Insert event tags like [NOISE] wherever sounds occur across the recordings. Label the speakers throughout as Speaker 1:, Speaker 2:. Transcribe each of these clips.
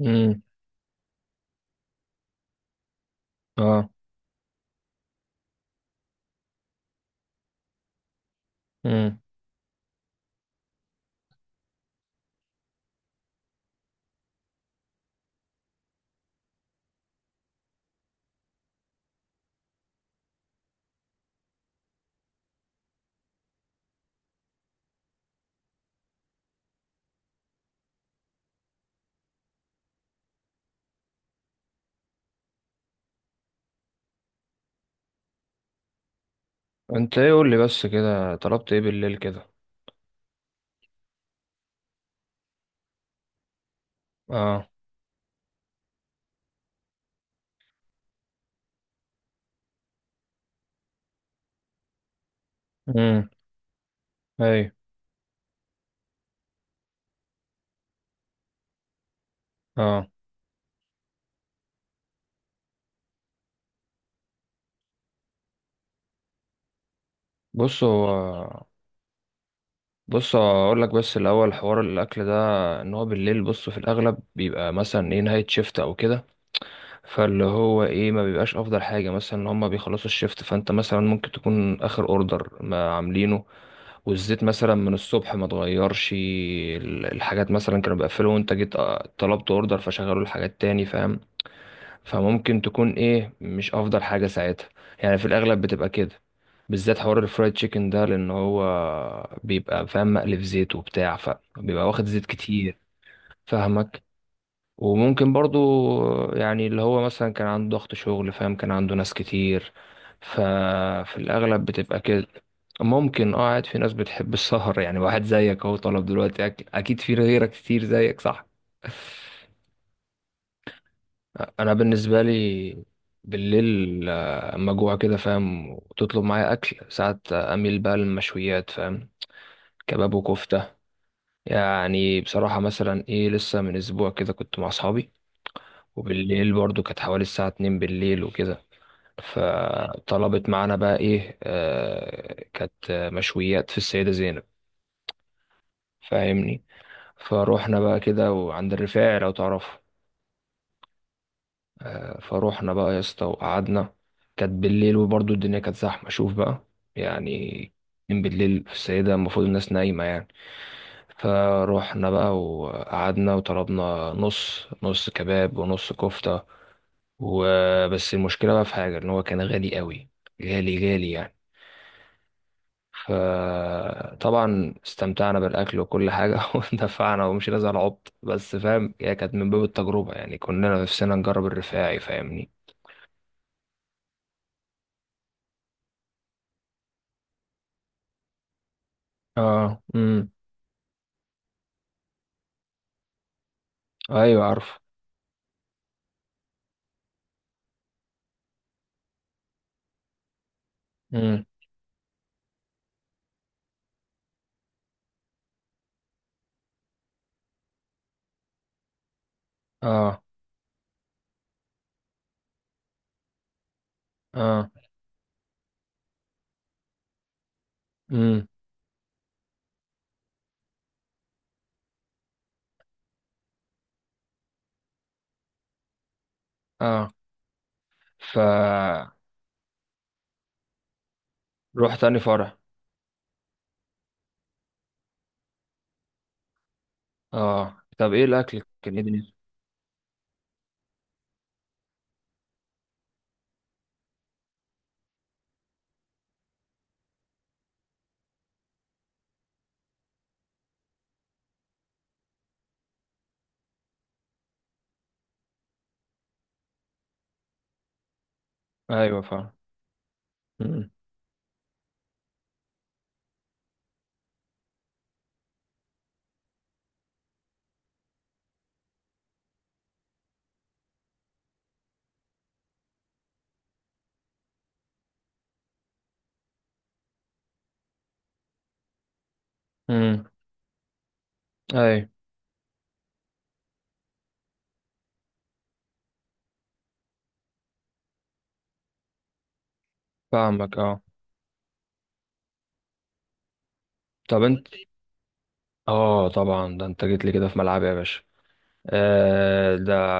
Speaker 1: امم. اه. امم انت ايه قول لي بس كده طلبت ايه بالليل كده؟ اه. امم. اي. اه. بص هو بص اقول لك بس الاول حوار الاكل ده. ان هو بالليل بص في الاغلب بيبقى مثلا ايه نهايه شيفت او كده. فاللي هو ايه ما بيبقاش افضل حاجه مثلا ان هم بيخلصوا الشيفت فانت مثلا ممكن تكون اخر اوردر ما عاملينه. والزيت مثلا من الصبح ما اتغيرش الحاجات مثلا كانوا بيقفلوا وانت جيت، طلبت اوردر فشغلوا الحاجات تاني فاهم. فممكن تكون ايه مش افضل حاجه ساعتها. يعني في الاغلب بتبقى كده. بالذات حوار الفرايد تشيكن ده لان هو بيبقى فاهم مقلي في زيت وبتاع فبيبقى واخد زيت كتير. فاهمك. وممكن برضو يعني اللي هو مثلا كان عنده ضغط شغل فاهم، كان عنده ناس كتير ففي الاغلب بتبقى كده. ممكن. اه، عاد في ناس بتحب السهر، يعني واحد زيك اهو طلب دلوقتي اكل، اكيد في غيرك كتير زيك صح؟ انا بالنسبه لي بالليل اما جوع كده فاهم وتطلب معايا اكل، ساعات اميل بقى للمشويات فاهم، كباب وكفته. يعني بصراحه مثلا ايه لسه من اسبوع كده كنت مع اصحابي. وبالليل برضو كانت حوالي الساعه 2 بالليل وكده. فطلبت معانا بقى ايه، كانت مشويات في السيده زينب. فاهمني. فروحنا بقى كده وعند الرفاعي لو تعرفه. فروحنا بقى يا اسطى وقعدنا. كانت بالليل وبرضه الدنيا كانت زحمة. شوف بقى يعني، 2 بالليل في السيدة المفروض الناس نايمة يعني. فروحنا بقى وقعدنا وطلبنا نص نص، كباب ونص كفتة. وبس المشكلة بقى في حاجة إن هو كان غالي قوي. غالي غالي يعني. فطبعا استمتعنا بالأكل وكل حاجة [LAUGHS] ودفعنا ومشينا زي العبط. بس فاهم هي كانت من باب التجربة، يعني كنا نفسنا نجرب الرفاعي فاهمني. اه. ايوه. عارف. امم. اه. اه. امم. اه. ف روح تاني فرع. اه. طب ايه الاكل كان ايه دنيته؟ ايوه فاهم. امم. امم. ايوه فاهمك. اه. طب انت اه طبعا ده انت جيت لي كده في ملعبي يا باشا. آه ده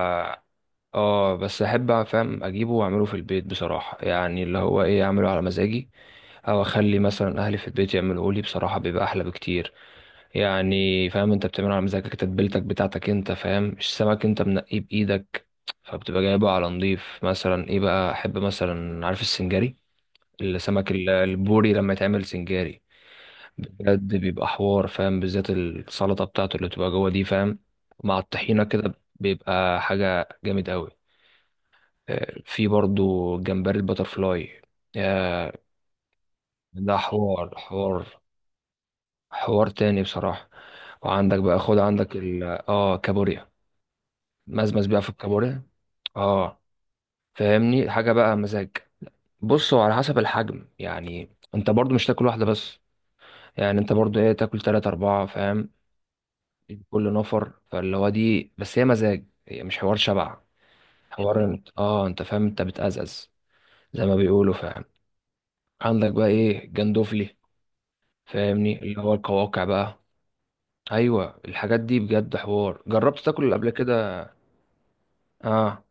Speaker 1: اه بس احب فاهم اجيبه واعمله في البيت بصراحه، يعني اللي هو ايه اعمله على مزاجي. او اخلي مثلا اهلي في البيت يعملوه لي، بصراحه بيبقى احلى بكتير. يعني فاهم، انت بتعمله على مزاجك، تتبيلتك بتاعتك انت فاهم، مش سمك انت منقيه بايدك. فبتبقى جايبه على نضيف مثلا ايه. بقى احب مثلا عارف السنجاري، السمك البوري لما يتعمل سنجاري. بجد بيبقى حوار فاهم، بالذات السلطة بتاعته اللي بتبقى جوه دي فاهم، مع الطحينة كده بيبقى حاجة جامد قوي. اه، في برضو جمبري الباترفلاي. يا ده حوار، حوار حوار تاني بصراحة. وعندك بقى، خد عندك اه كابوريا. مزمز بقى في الكابوريا. اه. فاهمني حاجه بقى مزاج. بص هو على حسب الحجم، يعني انت برضو مش تاكل واحده بس. يعني انت برضو ايه، تاكل تلاتة اربعة فاهم، كل نفر. فاللي هو دي بس هي مزاج، هي مش حوار شبع. حوار انت فاهم، انت بتأزأز زي ما بيقولوا فاهم. عندك بقى ايه جندوفلي. فاهمني اللي هو القواقع بقى. ايوه، الحاجات دي بجد حوار. جربت تاكل قبل كده؟ اه.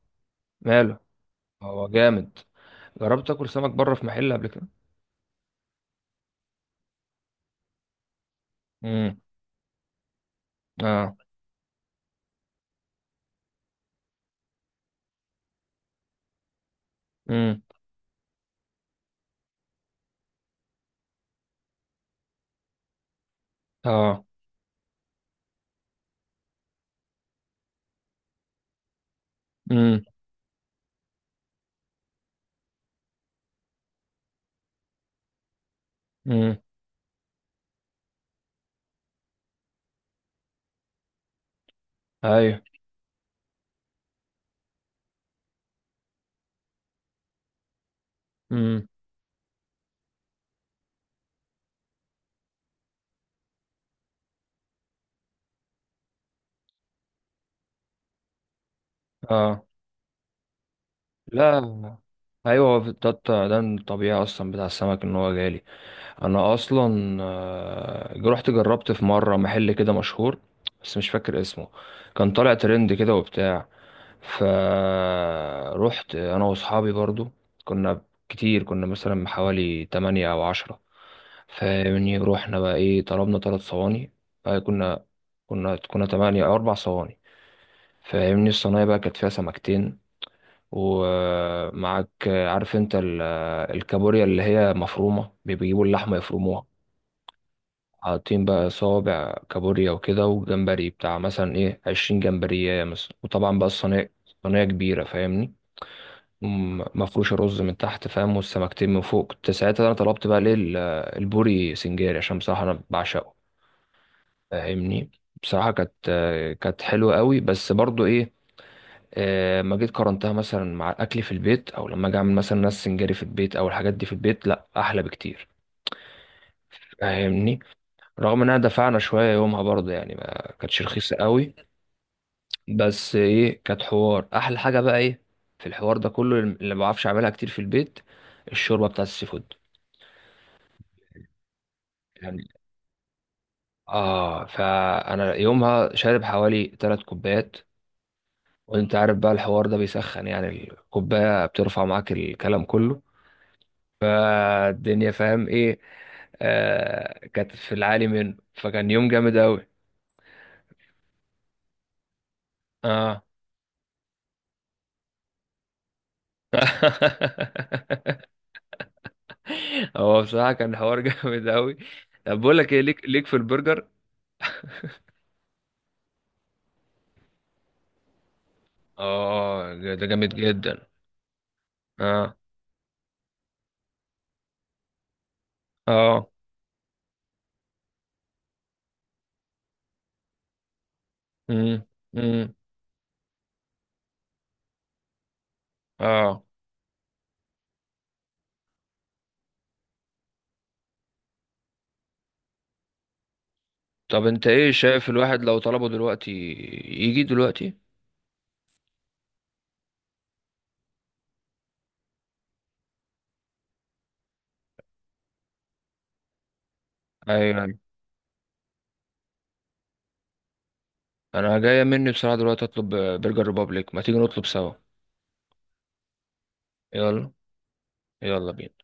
Speaker 1: ماله هو جامد. جربت تاكل سمك بره في محل قبل كده؟ امم. اه. امم. اه. امم. امم. ايوه. امم. اه. لا. ايوه، ده الطبيعي اصلا بتاع السمك ان هو غالي. انا اصلا رحت جربت في مره محل كده مشهور بس مش فاكر اسمه، كان طالع ترند كده وبتاع. فروحت انا واصحابي برضو. كنا كتير، كنا مثلا حوالي 8 او 10. فمني رحنا بقى ايه، طلبنا 3 صواني. آه، كنا كنا 8 او 4 صواني. فاهمني، الصينية بقى كانت فيها سمكتين ومعاك، عارف انت الكابوريا اللي هي مفرومة، بيجيبوا اللحمة يفرموها، حاطين بقى صوابع كابوريا وكده، وجمبري بتاع مثلا ايه 20 جمبرية مثلا، وطبعا بقى الصينية صينية كبيرة فاهمني، مفروشة رز من تحت فاهم والسمكتين من فوق. كنت ساعتها انا طلبت بقى ليه البوري سنجاري عشان بصراحة انا بعشقه فاهمني. بصراحة كانت حلوة قوي بس برضو ايه، ما جيت قارنتها مثلا مع الاكل في البيت، او لما اجي اعمل مثلا ناس سنجاري في البيت او الحاجات دي في البيت، لا احلى بكتير فاهمني. رغم انها دفعنا شويه يومها برضه، يعني ما كانتش رخيصه قوي. بس ايه، كانت حوار احلى حاجه بقى ايه في الحوار ده كله اللي ما بعرفش اعملها كتير في البيت، الشوربه بتاعت السي فود. يعني اه، فانا يومها شارب حوالي 3 كوبايات. وانت عارف بقى الحوار ده بيسخن، يعني الكوبايه بترفع معاك الكلام كله، فالدنيا فاهم ايه، كانت في العالي منه فكان يوم جامد قوي. اه. [LAUGHS] هو بصراحة كان حوار [LAUGHS] جامد قوي. طب بقول لك ايه، ليك في البرجر؟ اه ده جامد جدا. اه. اه. امم. امم. اه. طب انت ايه شايف، الواحد لو طلبه دلوقتي يجي دلوقتي؟ ايوه. ايوه. انا جاية مني بصراحة دلوقتي اطلب برجر ريبابليك، ما تيجي نطلب سوا؟ يلا. يلا بينا.